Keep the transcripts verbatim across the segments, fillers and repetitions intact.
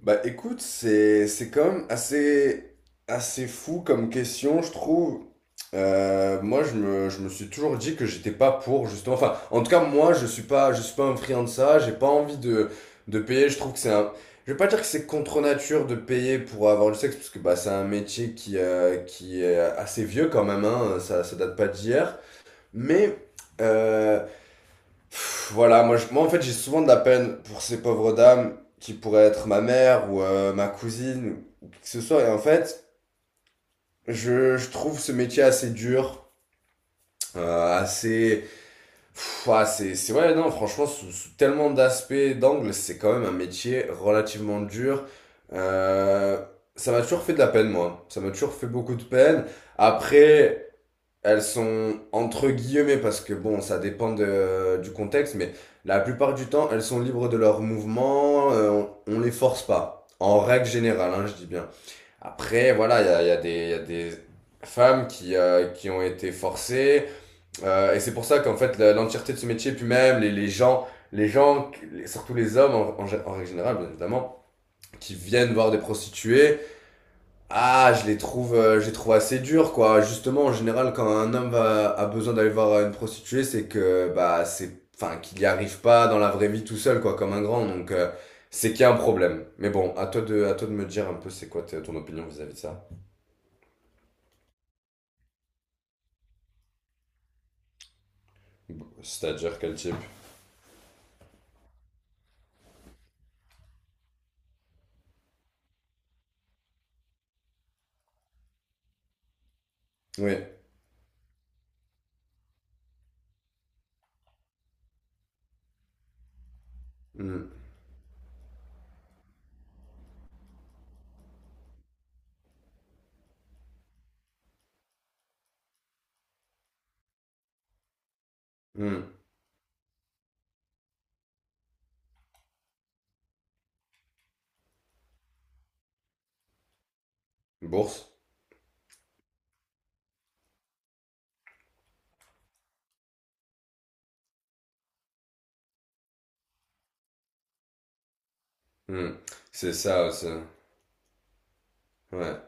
Bah écoute, c'est c'est quand même assez assez fou comme question, je trouve. Euh, moi, je me, je me suis toujours dit que j'étais pas pour justement. Enfin, en tout cas, moi, je suis pas je suis pas un friand de ça. J'ai pas envie de de payer. Je trouve que c'est un. Je vais pas dire que c'est contre nature de payer pour avoir du sexe parce que bah c'est un métier qui euh, qui est assez vieux quand même. Hein, ça ça date pas d'hier. Mais euh, Pff, Voilà, moi, je- moi en fait j'ai souvent de la peine pour ces pauvres dames qui pourraient être ma mère ou euh, ma cousine ou qui que ce soit. Et en fait, je, je trouve ce métier assez dur, euh, assez. Pff, ah, c'est, c'est ouais, non, franchement, sous, sous tellement d'aspects, d'angles, c'est quand même un métier relativement dur. Euh, ça m'a toujours fait de la peine, moi. Ça m'a toujours fait beaucoup de peine. Après. Elles sont entre guillemets parce que bon, ça dépend de- du contexte, mais la plupart du temps, elles sont libres de leurs mouvements, euh, on, on les force pas. En règle générale, hein, je dis bien. Après, voilà, il y a, il y a des, il y a des femmes qui, euh, qui ont été forcées, euh, et c'est pour ça qu'en fait, la- l'entièreté de ce métier, puis même les, les gens, les gens, les- surtout les hommes en, en gé- en règle générale, bien évidemment, qui viennent voir des prostituées, ah, je les trouve, euh, je les trouve assez durs, quoi. Justement, en général, quand un homme va- a besoin d'aller voir une prostituée, c'est que, bah, c'est, enfin, qu'il n'y arrive pas dans la vraie vie tout seul, quoi, comme un grand. Donc, euh, c'est qu'il y a un problème. Mais bon, à toi de, à toi de me dire un peu c'est quoi t- ton opinion vis-à-vis de ça. C'est-à-dire quel type. Oui. Mm. Mm. Bourse. Mm. C'est ça, c'est. Ouais.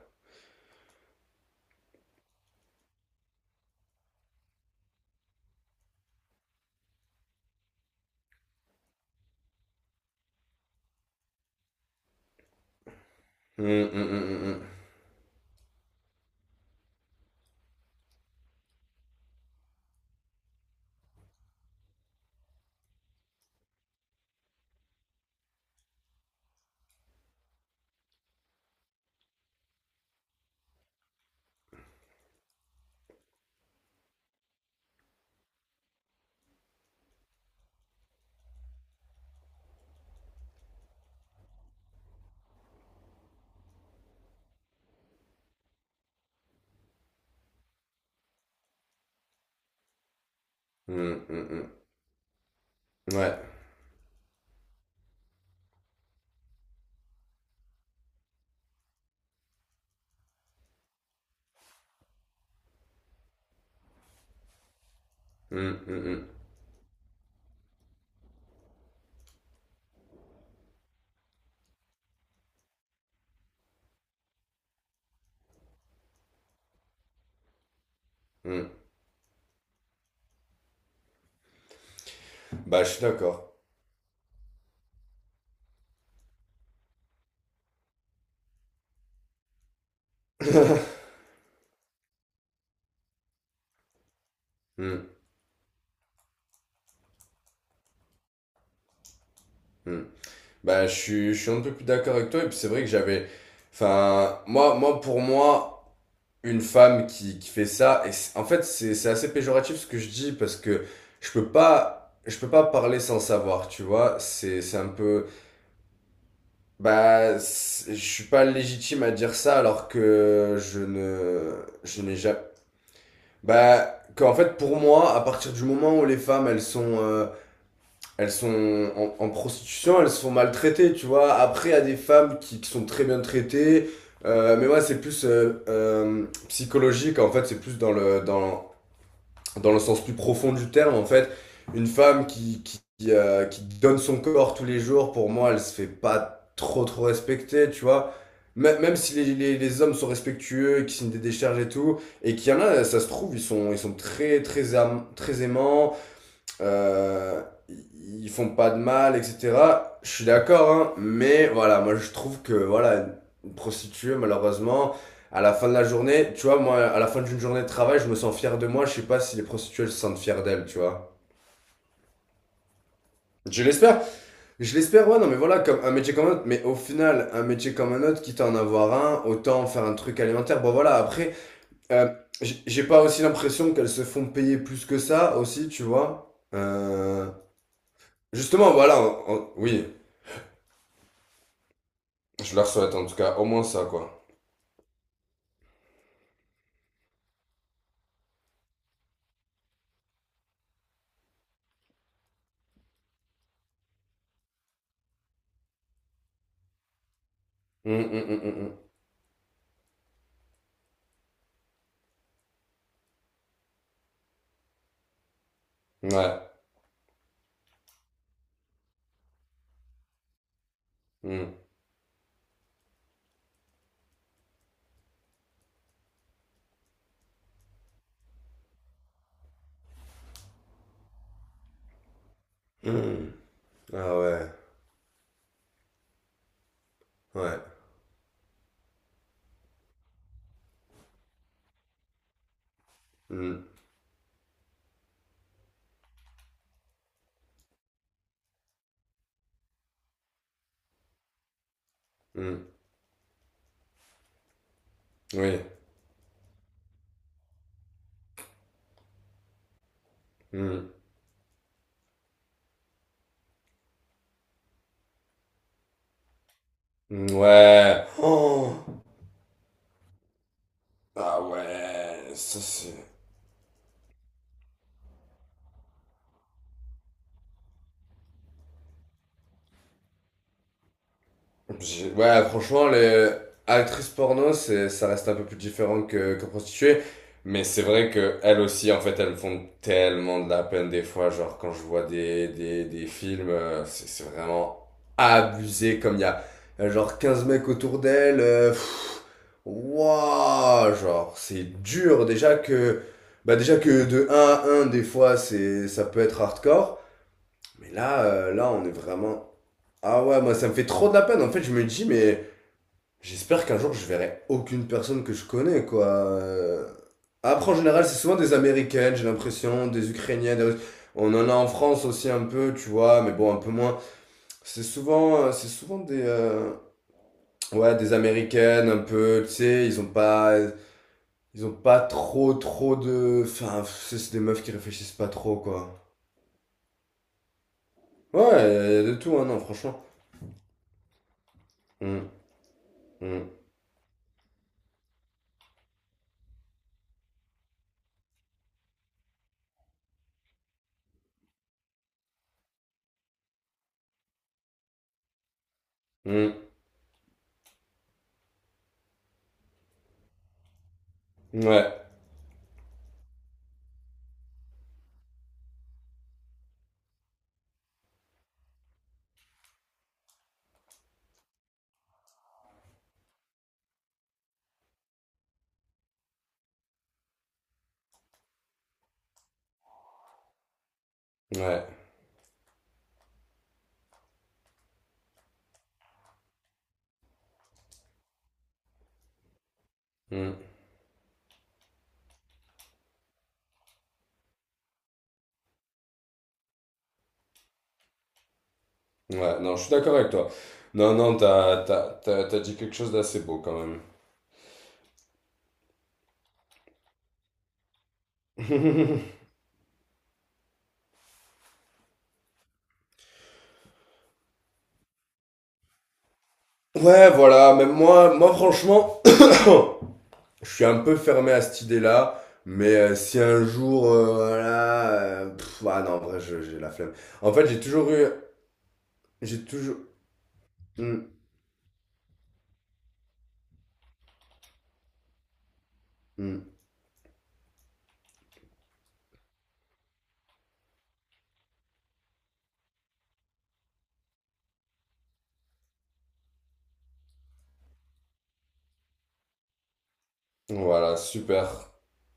Mm, mm, mm, mm, mm. Mm, mm, mm. Ouais. Mm, mm, mm, mm. Bah, je suis d'accord. Mm, mm. Bah, je suis, je suis un peu plus d'accord avec toi. Et puis, c'est vrai que j'avais. Enfin, moi, moi, pour moi, une femme qui, qui fait ça. Et c'est- en fait, c'est, c'est assez péjoratif ce que je dis parce que je peux pas, je peux pas parler sans savoir, tu vois. C'est, c'est un peu. Bah, c'est- je suis pas légitime à dire ça alors que je ne. Je n'ai jamais. Bah, qu'en fait, pour moi, à partir du moment où les femmes, elles sont. euh, elles sont en, en prostitution, elles se font maltraiter, tu vois. Après, il y a des femmes qui, qui sont très bien traitées. Euh, mais moi, c'est plus euh, euh, psychologique, en fait, c'est plus dans le, dans, dans le sens plus profond du terme, en fait. Une femme qui, qui, qui, euh, qui donne son corps tous les jours, pour moi, elle se fait pas trop, trop respecter, tu vois. Mê- Même si les, les, les hommes sont respectueux, qui signent des décharges et tout, et qu'il y en a, ça se trouve, ils sont, ils sont très, très, am- très aimants, euh, ils font pas de mal, et cetera. Je suis d'accord, hein, mais voilà, moi je trouve que voilà, une prostituée, malheureusement, à la fin de la journée, tu vois, moi, à la fin d'une journée de travail, je me sens fier de moi. Je sais pas si les prostituées elles se sentent fiers d'elles, tu vois. Je l'espère. Je l'espère, ouais, non, mais voilà, comme un métier comme un autre. Mais au final, un métier comme un autre, quitte à en avoir un, autant faire un truc alimentaire. Bon, voilà, après, euh, j'ai j'ai pas aussi l'impression qu'elles se font payer plus que ça, aussi, tu vois. Euh, Justement, voilà, on- on- oui. Je leur souhaite en tout cas au moins ça, quoi. Hum, hum, hum, hum, hum. Ouais. Hum. Hum. Ah ouais. Ouais. Hum, hum. Oui. Hum. Hum, ouais. Oh. Ah ouais. Ça c'est. J'ai- Ouais, franchement, les actrices porno, c'est, ça reste un peu plus différent que, que prostituées. Mais c'est vrai que elles aussi, en fait, elles font tellement de la peine des fois. Genre, quand je vois des, des, des films, euh, c'est, c'est vraiment abusé. Comme il y a, euh, genre quinze mecs autour d'elle euh, pff, waouh, genre, c'est dur. Déjà que, bah, déjà que de un à un, des fois, c'est, ça peut être hardcore. Mais là, euh, là, on est vraiment. Ah ouais, moi, ça me fait trop de la peine. En fait, je me dis, mais. J'espère qu'un jour je verrai aucune personne que je connais, quoi. Euh, Après, en général, c'est souvent des Américaines, j'ai l'impression, des Ukrainiennes, des Russes. On en a en France aussi un peu, tu vois, mais bon, un peu moins. C'est souvent, euh, c'est souvent des, euh, ouais, des Américaines, un peu, tu sais, ils ont pas, ils ont pas trop, trop de, enfin, pff, c'est c'est des meufs qui réfléchissent pas trop, quoi. Ouais, il y a y a de tout, hein, non, franchement. Hum, hum, hum. Ouais, ouais. Hum. Ouais, non, je suis d'accord avec toi. Non, non, t'as, t'as, t'as, t'as dit quelque chose d'assez beau quand même. Ouais, voilà, même moi, moi franchement, je suis un peu fermé à cette idée-là, mais euh, si un jour, euh, voilà, euh, pff, ah non, en vrai, je- j'ai la flemme. En fait, j'ai toujours eu, j'ai toujours. Hmm, hmm. Voilà, super.